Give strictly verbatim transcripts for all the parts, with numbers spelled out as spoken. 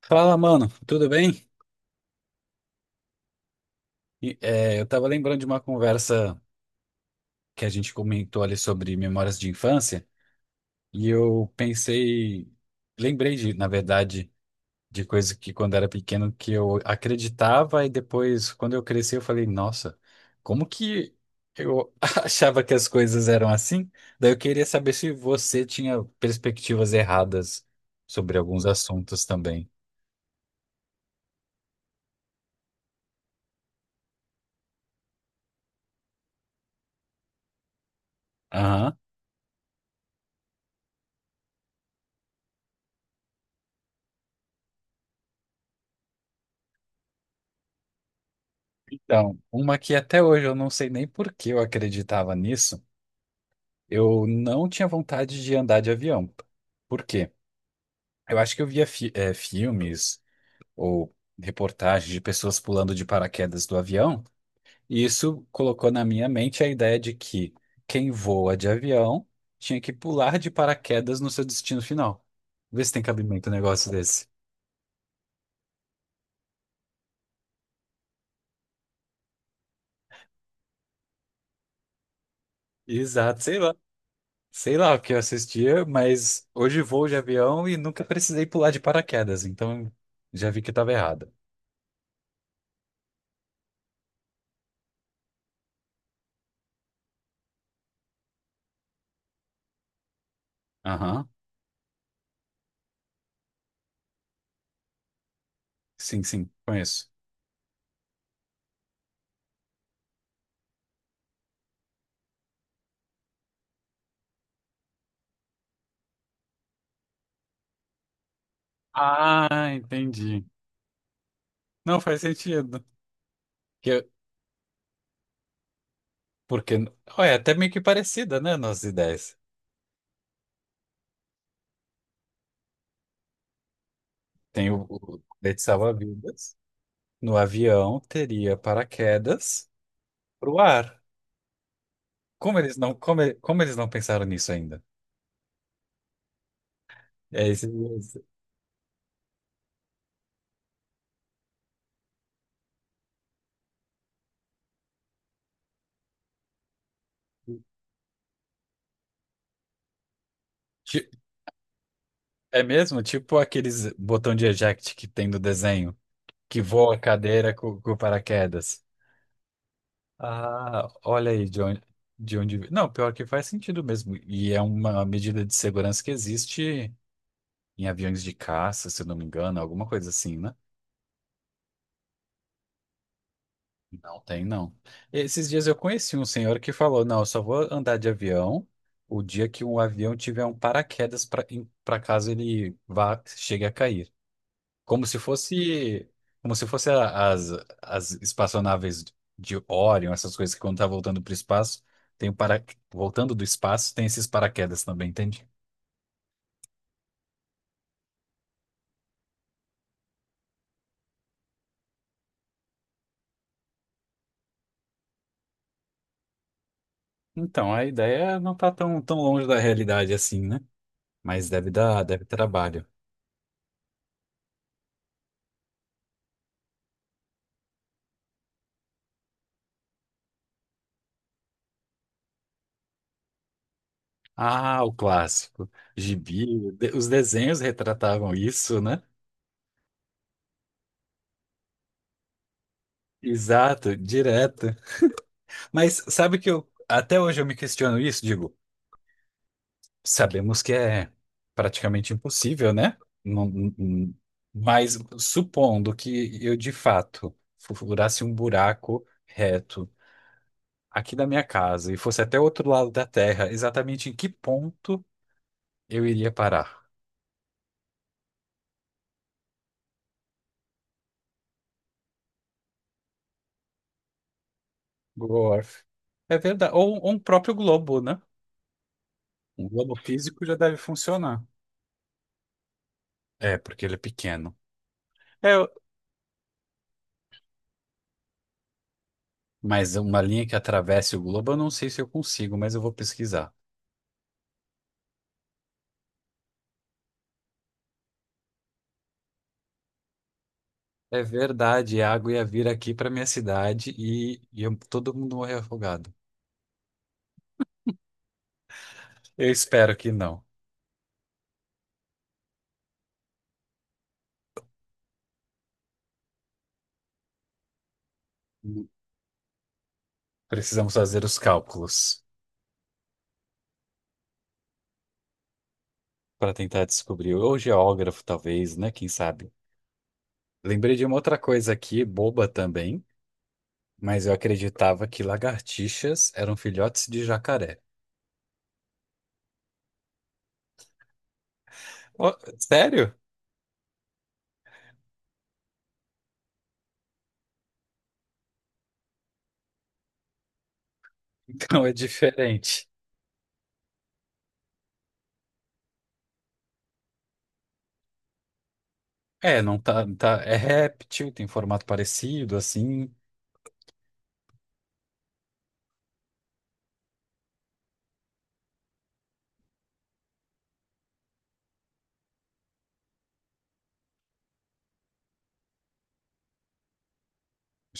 Fala, mano, tudo bem? E, é, eu tava lembrando de uma conversa que a gente comentou ali sobre memórias de infância, e eu pensei, lembrei de, na verdade, de coisas que quando era pequeno que eu acreditava, e depois, quando eu cresci, eu falei, nossa, como que eu achava que as coisas eram assim? Daí eu queria saber se você tinha perspectivas erradas sobre alguns assuntos também. Aham. Então, uma que até hoje eu não sei nem por que eu acreditava nisso. Eu não tinha vontade de andar de avião. Por quê? Eu acho que eu via fi- eh, filmes ou reportagens de pessoas pulando de paraquedas do avião, e isso colocou na minha mente a ideia de que quem voa de avião tinha que pular de paraquedas no seu destino final. Vê se tem cabimento um negócio desse. Exato, sei lá. Sei lá o que eu assistia, mas hoje voo de avião e nunca precisei pular de paraquedas, então já vi que estava errado. Aham. Sim, sim, conheço. Ah, entendi. Não faz sentido. Que- Porque, olha, é até meio que parecida, né, nossas ideias. Tem o, o colete salva-vidas, no avião teria paraquedas pro ar. Como eles não, como, e- como eles não pensaram nisso ainda? É, esse- esse- ti- é mesmo? Tipo aqueles botão de eject que tem no desenho, que voa a cadeira com, com paraquedas. Ah, olha aí de onde, de onde... Não, pior que faz sentido mesmo. E é uma medida de segurança que existe em aviões de caça, se eu não me engano, alguma coisa assim, né? Não tem, não. Esses dias eu conheci um senhor que falou: não, eu só vou andar de avião o dia que um avião tiver um paraquedas para para caso ele vá, chegue a cair. Como se fosse, como se fosse a- as, as espaçonaves de Orion, essas coisas que quando tá voltando para o espaço, tem o para, voltando do espaço, tem esses paraquedas também, entende? Então, a ideia não tá tão, tão longe da realidade assim, né? Mas deve dar, deve ter trabalho. Ah, o clássico. Gibi, de- os desenhos retratavam isso, né? Exato, direto. Mas sabe que eu até hoje eu me questiono isso, digo, sabemos que é praticamente impossível, né? Não- não- não- mas supondo que eu de fato furasse um buraco reto aqui da minha casa e fosse até o outro lado da Terra, exatamente em que ponto eu iria parar? Gorf. É verdade. Ou, ou um próprio globo, né? Um globo físico já deve funcionar. É, porque ele é pequeno. É, eu- mas uma linha que atravesse o globo, eu não sei se eu consigo, mas eu vou pesquisar. É verdade, a água ia vir aqui para minha cidade e, e eu- todo mundo morrer afogado. Eu espero que não. Precisamos fazer os cálculos para tentar descobrir. Ou geógrafo, talvez, né? Quem sabe? Lembrei de uma outra coisa aqui, boba também, mas eu acreditava que lagartixas eram filhotes de jacaré. Ó, sério? Então é diferente. É, não tá, tá. É réptil, tem formato parecido, assim.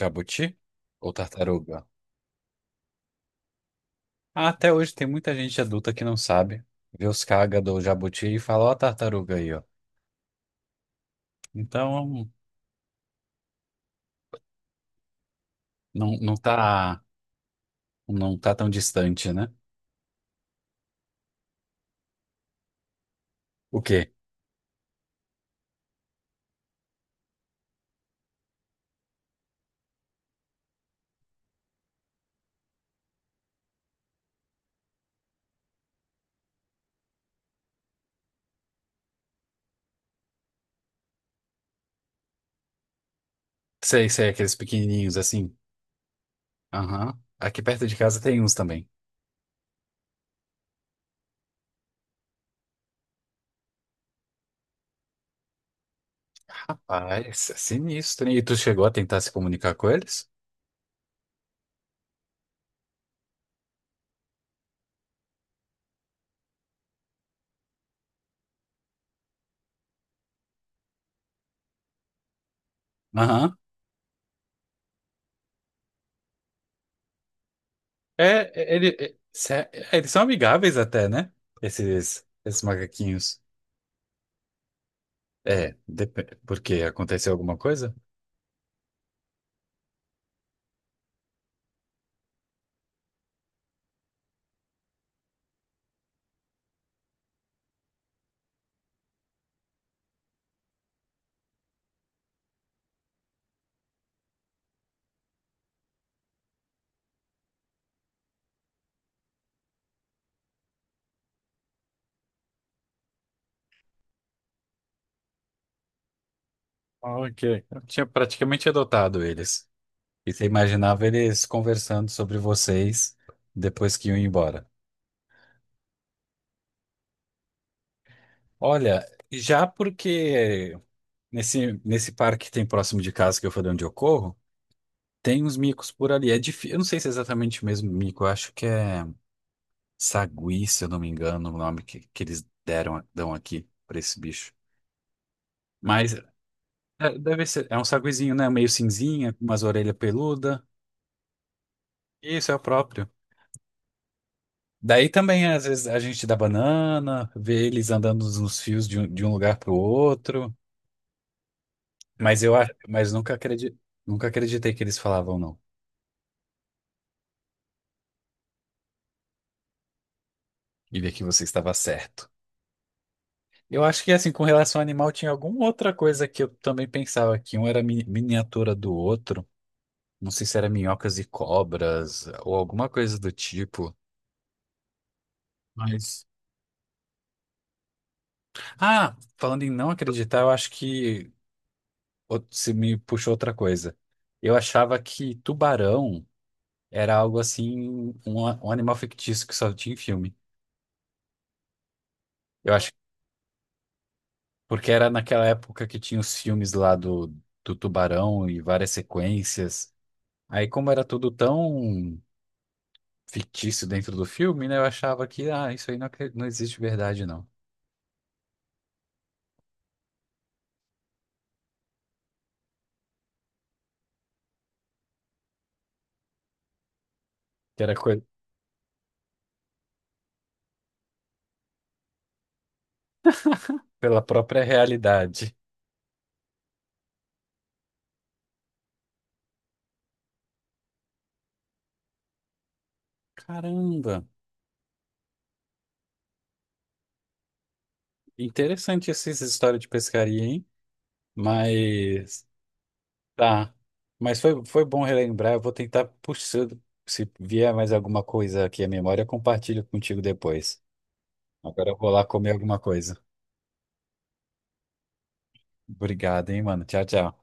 Jabuti ou tartaruga? Ah, até hoje tem muita gente adulta que não sabe. Vê os caga do jabuti e fala, ó, a tartaruga aí, ó. Então, não, não tá, não tá tão distante, né? O quê? Sei, sei, aqueles pequenininhos assim. Aham. Aqui perto de casa tem uns também. Rapaz, é sinistro, hein? E tu chegou a tentar se comunicar com eles? Aham. É, é, ele, é, sé- eles são amigáveis até, né? Esses, esses macaquinhos. É, dep- porque aconteceu alguma coisa? Ah, ok. Eu tinha praticamente adotado eles. E você imaginava eles conversando sobre vocês depois que iam embora. Olha, já porque nesse, nesse parque que tem próximo de casa, que eu falei onde eu corro, tem uns micos por ali. É difícil. Eu não sei se é exatamente o mesmo mico, eu acho que é. Sagui, se eu não me engano, o nome que, que eles deram, dão aqui pra esse bicho. Mas é, deve ser, é um saguizinho, né? Meio cinzinha, com umas orelhas peludas. Isso é o próprio. Daí também, às vezes, a gente dá banana, vê eles andando nos fios de um, de um lugar pro outro. Mas eu, a- mas nunca acreditei, nunca acreditei que eles falavam não. E vi que você estava certo. Eu acho que, assim, com relação ao animal, tinha alguma outra coisa que eu também pensava que um era mi- miniatura do outro. Não sei se era minhocas e cobras ou alguma coisa do tipo. Mas. Ah, falando em não acreditar, eu acho que out- se me puxou outra coisa. Eu achava que tubarão era algo assim, um, a- um animal fictício que só tinha em filme. Eu acho que porque era naquela época que tinha os filmes lá do, do tubarão e várias sequências. Aí, como era tudo tão fictício dentro do filme, né? Eu achava que, ah, isso aí não, acre- não existe verdade, não. Que era coi- Pela própria realidade. Caramba, interessante essas história de pescaria, hein? Mas tá. Mas foi, foi bom relembrar. Eu vou tentar puxar. Se vier mais alguma coisa aqui à memória, eu compartilho contigo depois. Agora eu vou lá comer alguma coisa. Obrigado, hein, mano. Tchau, tchau.